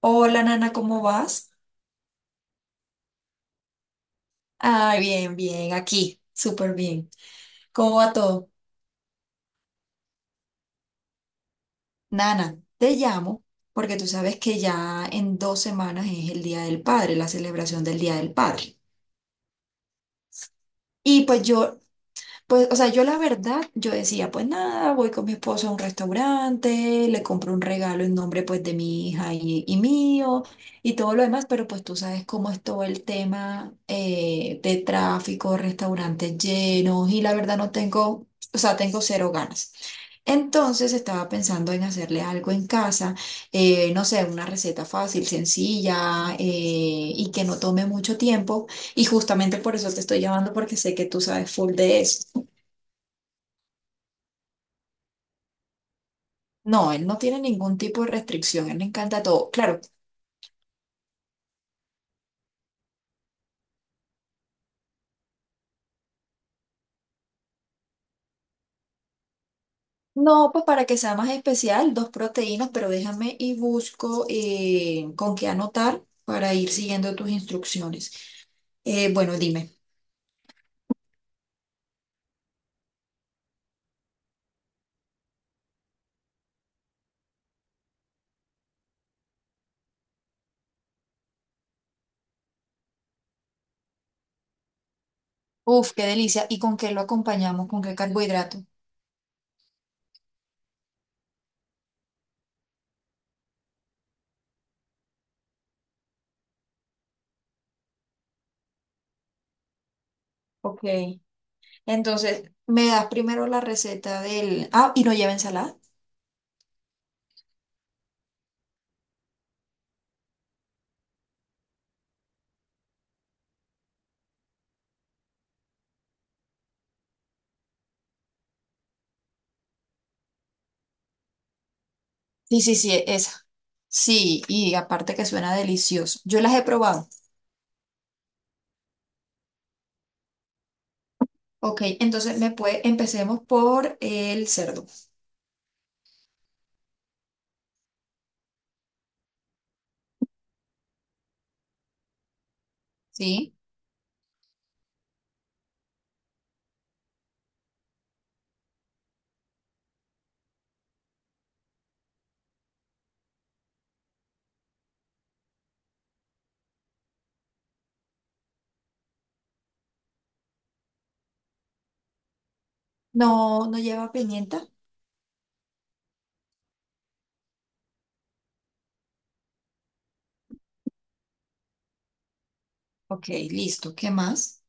Hola Nana, ¿cómo vas? Ay, bien, bien, aquí, súper bien. ¿Cómo va todo? Nana, te llamo porque tú sabes que ya en 2 semanas es el Día del Padre, la celebración del Día del Padre. Y pues yo Pues, o sea, yo la verdad, yo decía, pues nada, voy con mi esposo a un restaurante, le compro un regalo en nombre pues de mi hija y mío y todo lo demás, pero pues tú sabes cómo es todo el tema de tráfico, restaurantes llenos y la verdad no tengo, o sea, tengo cero ganas. Entonces estaba pensando en hacerle algo en casa, no sé, una receta fácil, sencilla y que no tome mucho tiempo. Y justamente por eso te estoy llamando porque sé que tú sabes full de eso. No, él no tiene ningún tipo de restricción, él le encanta todo. Claro, no, pues para que sea más especial, dos proteínas, pero déjame y busco con qué anotar para ir siguiendo tus instrucciones. Bueno, dime. Uf, qué delicia. ¿Y con qué lo acompañamos? ¿Con qué carbohidrato? Ok. Entonces, me das primero la receta del... Ah, ¿y no lleva ensalada? Sí, sí, sí, esa. Sí, y aparte que suena delicioso. Yo las he probado. Ok, entonces me puede... empecemos por el cerdo. Sí. No, no lleva pimienta. Ok, listo. ¿Qué más?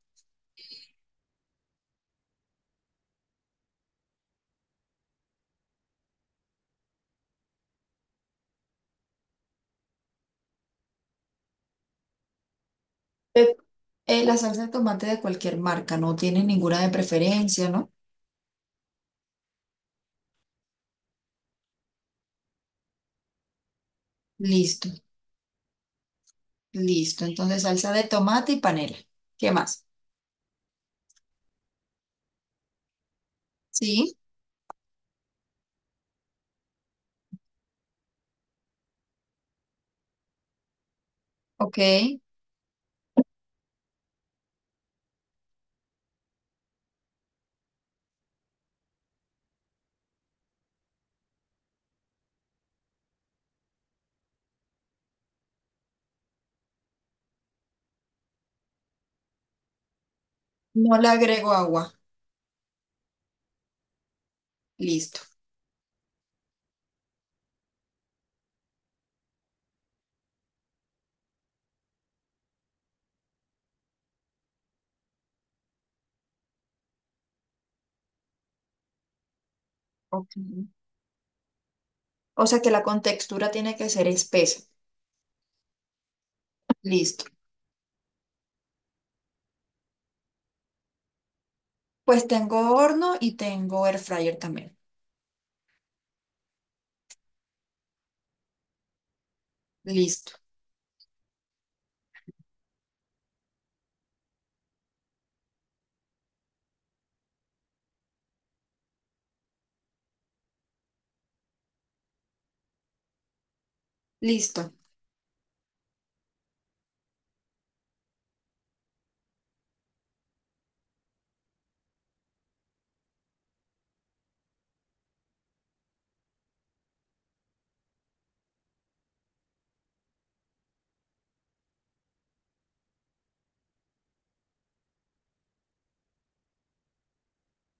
Eh, la salsa de tomate de cualquier marca, no tiene ninguna de preferencia, ¿no? Listo, listo. Entonces, salsa de tomate y panela. ¿Qué más? Sí, ok. No le agrego agua. Listo. Ok. O sea que la contextura tiene que ser espesa. Listo. Pues tengo horno y tengo air fryer también. Listo, listo.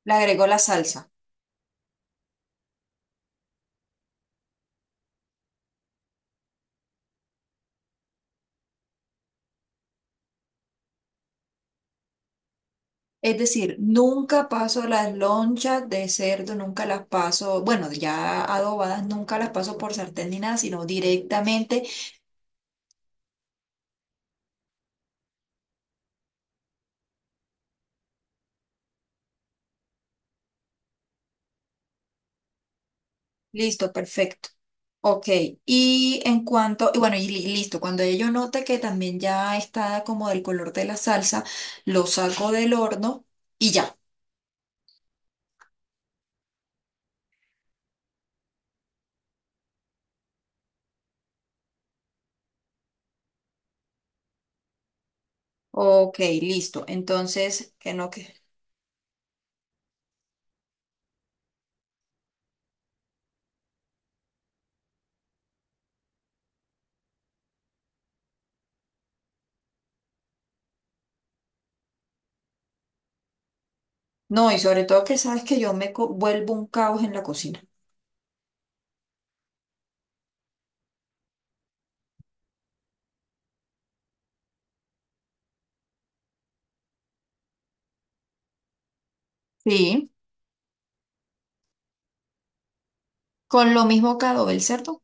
Le agrego la salsa. Es decir, nunca paso las lonchas de cerdo, nunca las paso, bueno, ya adobadas, nunca las paso por sartén ni nada, sino directamente, listo, perfecto. Ok, y en cuanto, y bueno, y listo, cuando yo note que también ya está como del color de la salsa, lo saco del horno y ya. Ok, listo. Entonces, que... No, y sobre todo que sabes que yo me vuelvo un caos en la cocina. Sí. Con lo mismo que adobé el cerdo.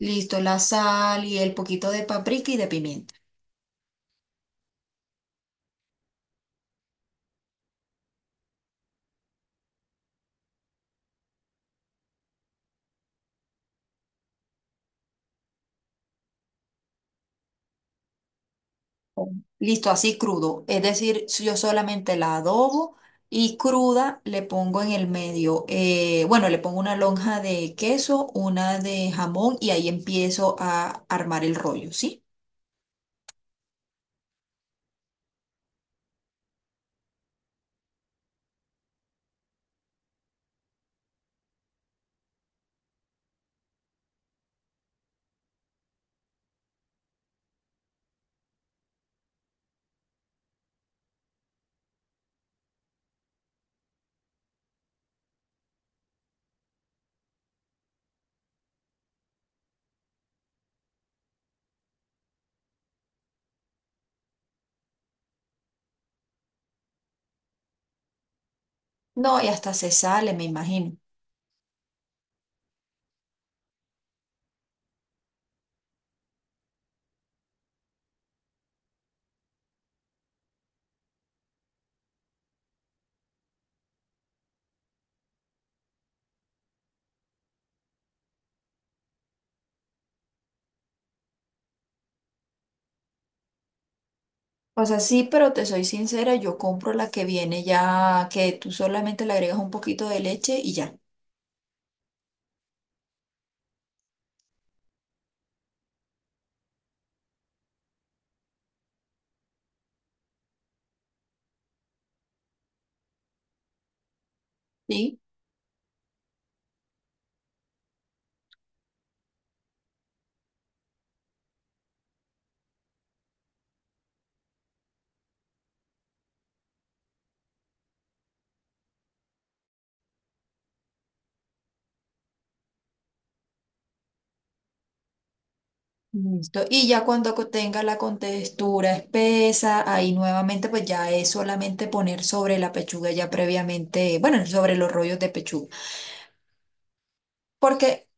Listo, la sal y el poquito de paprika y de pimienta. Listo, así crudo. Es decir, si yo solamente la adobo y cruda le pongo en el medio, bueno, le pongo una lonja de queso, una de jamón y ahí empiezo a armar el rollo, ¿sí? No, y hasta se sale, me imagino. O sea, sí, pero te soy sincera, yo compro la que viene ya, que tú solamente le agregas un poquito de leche y ya. ¿Sí? Listo. Y ya cuando tenga la contextura espesa, ahí nuevamente pues ya es solamente poner sobre la pechuga ya previamente, bueno, sobre los rollos de pechuga. Porque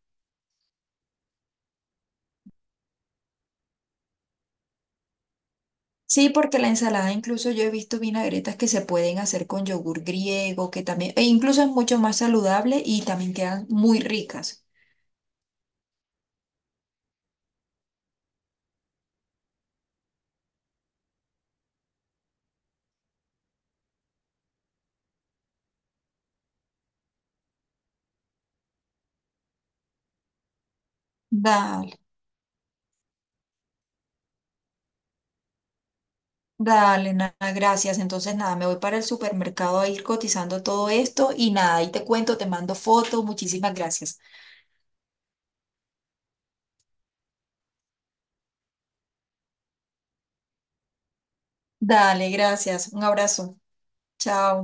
sí, porque la ensalada incluso yo he visto vinagretas que se pueden hacer con yogur griego, que también, e incluso es mucho más saludable y también quedan muy ricas. Dale, dale, nada, gracias. Entonces nada, me voy para el supermercado a ir cotizando todo esto y nada, ahí te cuento, te mando fotos, muchísimas gracias. Dale, gracias. Un abrazo. Chao.